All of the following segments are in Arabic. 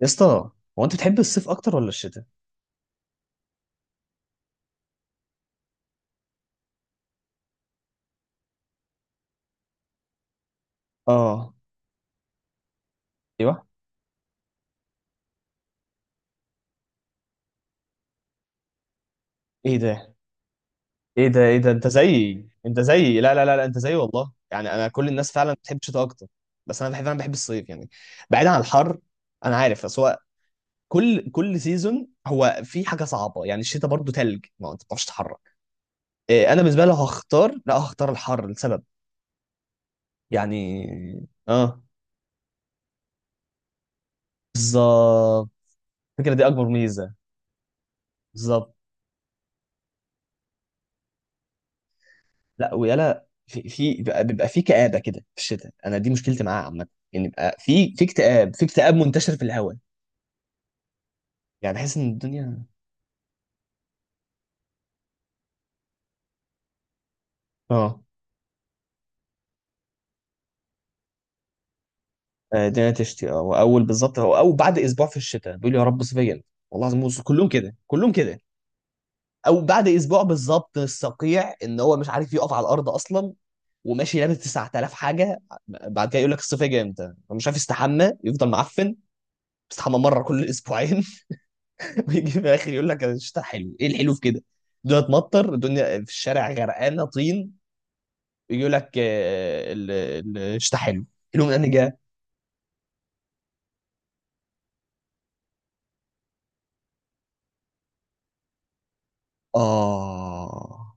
يا اسطى، هو انت بتحب الصيف اكتر ولا الشتاء؟ اه. ايوه. ايه ده، ايه ده، ايه ده، انت زيي، انت زيي، لا لا لا لا، انت زيي والله. يعني انا، كل الناس فعلا بتحب الشتاء اكتر، بس انا بحب الصيف يعني. بعيدا عن الحر، انا عارف، بس هو كل سيزون هو في حاجه صعبه. يعني الشتاء برضو تلج، ما هو انت ما بتعرفش تتحرك. إيه، انا بالنسبه لي لو هختار، لا هختار الحر لسبب، يعني، اه. بالظبط، الفكره دي اكبر ميزه، بالظبط. لا ويلا، في بيبقى في كآبة كده في الشتاء، انا دي مشكلتي معاه عامة. ان يبقى في اكتئاب، في اكتئاب منتشر في الهواء، يعني بحس ان الدنيا، اه. آه، الدنيا تشتي. اه واول بالظبط، هو او بعد اسبوع في الشتاء بيقول يا رب صيفيا. والله العظيم بص، كلهم كده، كلهم كده. او بعد اسبوع بالظبط الصقيع، ان هو مش عارف يقف على الارض اصلا، وماشي لابس 9000 حاجه. بعد كده يقول لك الصيف جاي امتى، هو مش عارف يستحمى، يفضل معفن. بيستحمى مره كل اسبوعين. ويجي في الاخر يقول لك الشتاء حلو. ايه الحلو في كده؟ الدنيا تمطر، الدنيا في الشارع غرقانه طين. يقول لك آه، الشتاء حلو. حلو من انهي جهه؟ اه،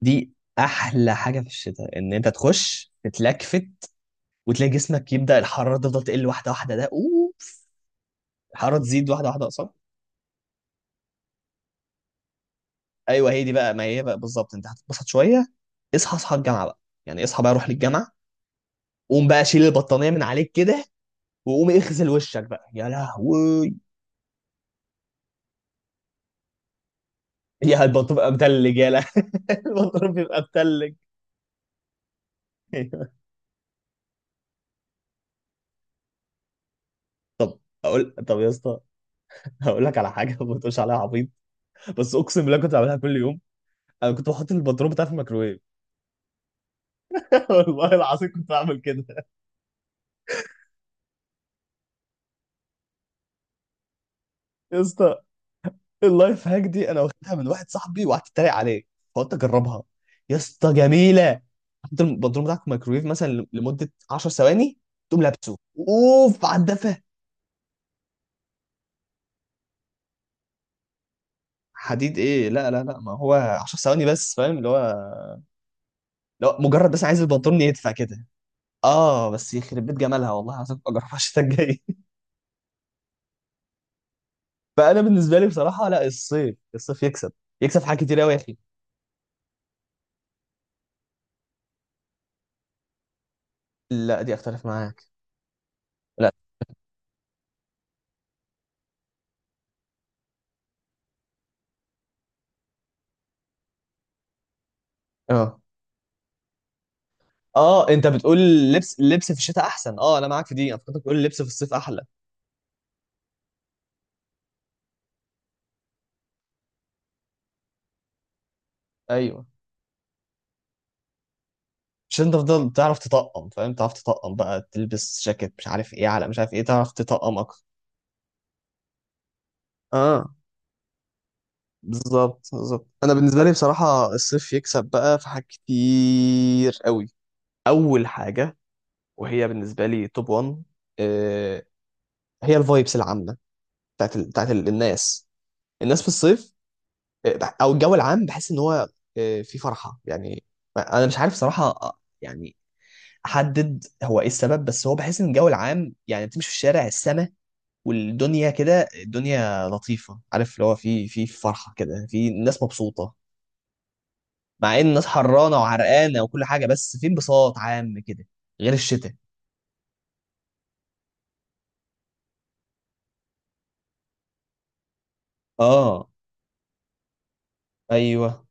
دي احلى حاجه في الشتاء، ان انت تخش تتلكفت، وتلاقي جسمك يبدا الحراره تفضل تقل واحده واحده، ده اوف. الحراره تزيد واحده واحده اقصد. ايوه، هي دي بقى، ما هي بقى بالظبط، انت هتتبسط شويه. اصحى اصحى الجامعه بقى، يعني اصحى بقى، روح للجامعه. قوم بقى شيل البطانيه من عليك كده، وقوم اغسل وشك بقى، يا لهوي. يا البطروخ بيبقى متلج، يالا. البطروخ بيبقى متلج. أيوة. طب اقول، طب يا اسطى، هقول لك على حاجه ما تقولش عليها عبيط، بس اقسم بالله كنت بعملها كل يوم. انا كنت بحط البطروخ بتاعي في الميكروويف. والله العظيم كنت بعمل كده. يا اسطى، اللايف هاك دي انا واخدها من واحد صاحبي وقعدت اتريق عليه، فقلت اجربها. يا اسطى جميله. حط البطروخ بتاعك في الميكروويف مثلا لمده 10 ثواني، تقوم لابسه اوف على الدفه. حديد ايه، لا لا لا، ما هو 10 ثواني بس، فاهم اللي هو، لو مجرد بس عايز البنطلون يدفع كده. اه بس يخرب بيت جمالها والله، هتبقى اجربها الشتاء الجاي. فانا بالنسبه لي بصراحه لا، الصيف، يكسب. يكسب في حاجات كتير قوي يا اخي. لا، دي اختلف معاك. لا. اه اه، انت بتقول اللبس في الشتاء احسن. اه، انا معاك في دي، انا فكرتك بتقول اللبس في الصيف احلى. ايوه، مش انت تفضل تعرف تطقم، فاهم، تعرف تطقم بقى، تلبس جاكيت مش عارف ايه على مش عارف ايه، تعرف تطقم اكتر. اه. بالظبط بالظبط، انا بالنسبه لي بصراحه الصيف يكسب بقى في حاجات كتير قوي. اول حاجه وهي بالنسبه لي توب 1، آه، هي الفايبس العامه بتاعت الناس، الناس في الصيف. آه، او الجو العام، بحس ان هو آه، في فرحه يعني. انا مش عارف صراحه، آه، يعني احدد هو ايه السبب، بس هو بحس ان الجو العام، يعني تمشي في الشارع، السما والدنيا كده، الدنيا لطيفه، عارف اللي هو في فرحه كده، في ناس مبسوطه، مع ان الناس حرانه وعرقانه وكل حاجه، بس في انبساط عام كده. غير الشتاء. اه، ايوه،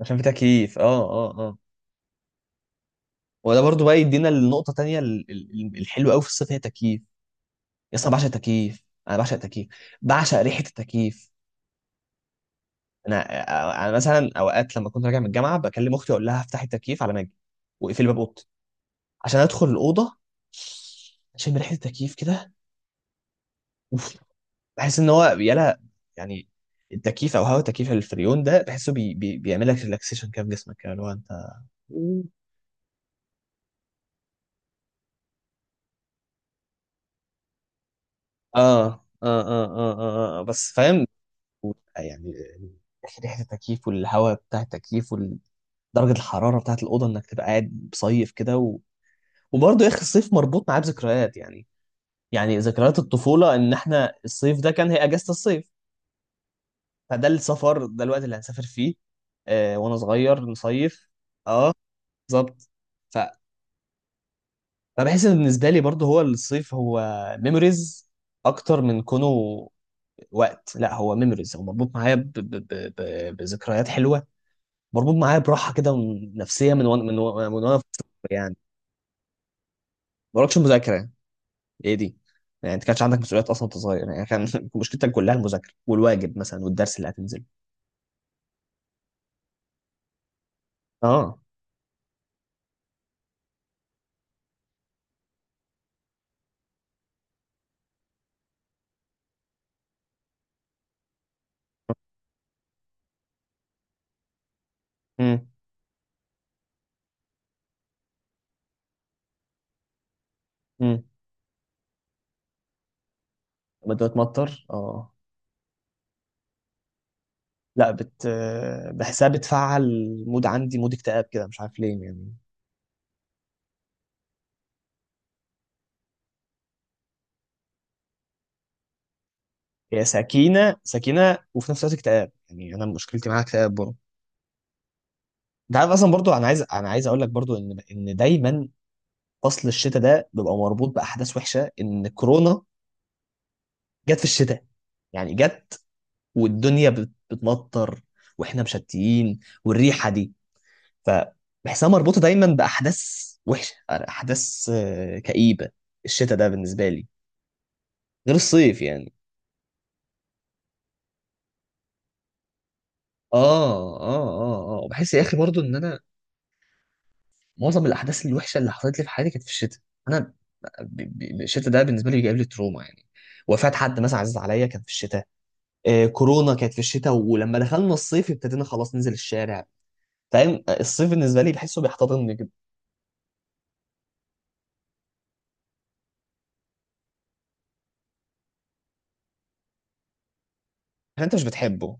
عشان في تكييف، اه اه اه. وده برضو بقى يدينا النقطة تانية، الحلوة قوي في الصيف، هي التكييف. يا اسطى، أنا بعشق التكييف، انا بعشق التكييف، بعشق ريحة التكييف. انا انا مثلا اوقات لما كنت راجع من الجامعة، بكلم اختي اقول لها افتحي التكييف على ما اجي، واقفلي باب اوضتي، عشان ادخل الأوضة اشم ريحة التكييف كده. اوف. بحس ان هو يلا يعني، التكييف او هواء التكييف، الفريون ده بحسه بي بي بيعمل لك ريلاكسيشن كده في جسمك، كده اللي هو انت، اه اه اه اه اه، آه. بس فاهم يعني، آه، ريحه التكييف، والهواء بتاع التكييف، ودرجه الحراره بتاعه الاوضه، انك تبقى قاعد مصيف كده وبرضه يا اخي الصيف مربوط معاه بذكريات، يعني يعني ذكريات الطفوله، ان احنا الصيف ده كان هي اجازه الصيف، فده السفر، ده الوقت اللي هنسافر فيه، آه وانا صغير نصيف. اه بالظبط. ف- فبحس ان بالنسبه لي برضه، هو الصيف هو ميموريز اكتر من كونه وقت. لا هو ميموريز، هو مربوط معايا بذكريات حلوه. مربوط معايا براحه كده، نفسيه، من وانا في الطفولة يعني. ما وراكش مذاكره. ايه دي، يعني انت كانش عندك مسؤوليات اصلا وانت صغير، يعني كان مشكلتك كلها المذاكره والواجب مثلا والدرس اللي هتنزله. اه. امم، امم. لما بتمطر اه. لا، بحسها بتفعل مود، عندي مود اكتئاب كده، مش عارف ليه يعني. هي سكينه سكينه، وفي نفس الوقت اكتئاب، يعني انا مشكلتي معاها اكتئاب برضه. انت عارف اصلا برضه، انا عايز اقول لك برضه ان دايما فصل الشتاء ده بيبقى مربوط باحداث وحشه، ان كورونا جت في الشتاء، يعني جت والدنيا بتمطر، واحنا مشتيين، والريحه دي، فبحسها مربوطه دايما باحداث وحشه، احداث آه، كئيبه. الشتاء ده بالنسبه لي غير الصيف يعني. اه اه اه اه، بحس يا اخي برضو ان انا معظم الاحداث الوحشه اللي حصلت لي في حياتي كانت في الشتاء. انا الشتاء ده بالنسبه لي جايب لي تروما يعني. وفاة حد مثلا عزيز عليا كان في الشتاء، آه كورونا كانت في الشتاء، ولما دخلنا الصيف ابتدينا خلاص ننزل الشارع. فاهم، الصيف بالنسبه لي بحسه بيحتضنني كده. عشان انت مش بتحبه.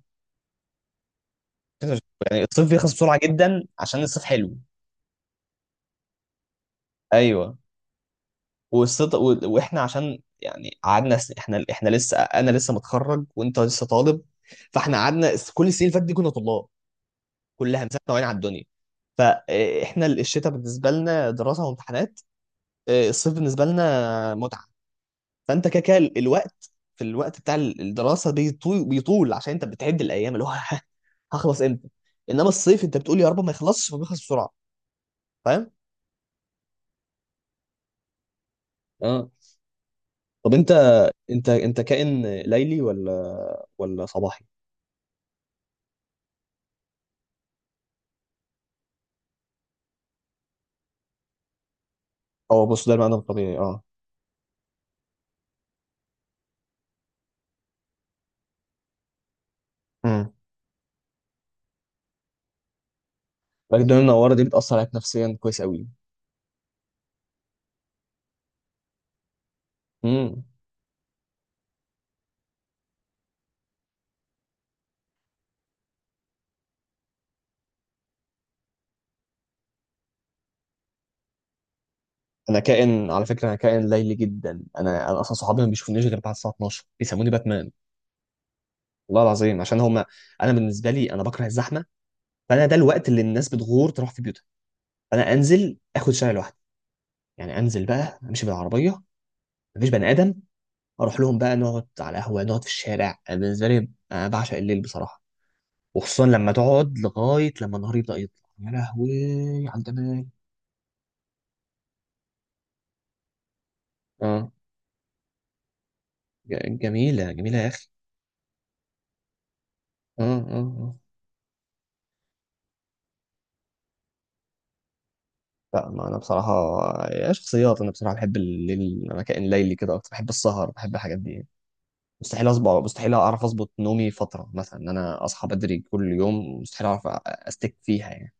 انت مش بتحبه. يعني الصيف بيخلص بسرعه جدا عشان الصيف حلو. ايوه، والصيف واحنا عشان يعني قعدنا احنا لسه، انا لسه متخرج وانت لسه طالب، فاحنا قعدنا كل السنين اللي فاتت دي كنا طلاب، كلها من سنه وعين على الدنيا. فاحنا الشتاء بالنسبه لنا دراسه وامتحانات، اه، الصيف بالنسبه لنا متعه. فانت كده كده، في الوقت بتاع الدراسه بيطول بيطول، عشان انت بتعد الايام اللي هو هخلص امتى. انما الصيف انت بتقول يا رب ما يخلصش، فبيخلص بسرعه، فاهم. اه. طب انت، انت كائن ليلي ولا صباحي؟ اه بص، ده المعنى الطبيعي، اه. امم. الدنيا المنوره دي بتاثر عليك نفسيا كويس قوي. امم. انا كائن على فكره، انا كائن ليلي جدا، انا اصلا صحابي ما بيشوفونيش غير بعد الساعه 12، بيسموني باتمان. والله العظيم عشان هم، انا بالنسبه لي انا بكره الزحمه، فانا ده الوقت اللي الناس بتغور تروح في بيوتها، فانا انزل اخد شارع لوحدي، يعني انزل بقى امشي بالعربيه، مفيش بني ادم، اروح لهم بقى نقعد على قهوه، نقعد في الشارع. أنا بالنسبه لي انا بعشق الليل بصراحه، وخصوصا لما تقعد لغايه لما النهار يبدا يطلع، يا لهوي على الجمال. اه جميله جميله يا اخي. اه اه اه. لا، ما انا بصراحه يا شخصيات، انا بصراحه بحب الليل، انا كائن ليلي كده اكتر، بحب السهر، بحب الحاجات دي. مستحيل اعرف اظبط نومي فتره مثلا، ان انا اصحى بدري كل يوم مستحيل، اعرف استك فيها يعني.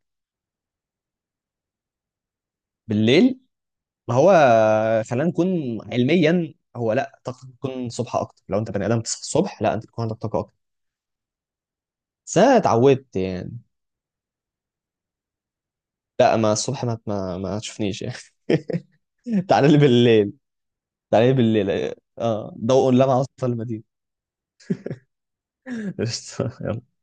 بالليل، ما هو خلينا نكون علميا، هو لا، طاقتك بتكون الصبح اكتر، لو انت بني ادم تصحى الصبح، لا انت بتكون عندك طاقه اكتر. بس انا اتعودت يعني. لا ما الصبح، ما تشوفنيش يعني. تعالى لي بالليل، تعالى لي بالليل، اه ضوء لمع وسط المدينه. قشطة. يلا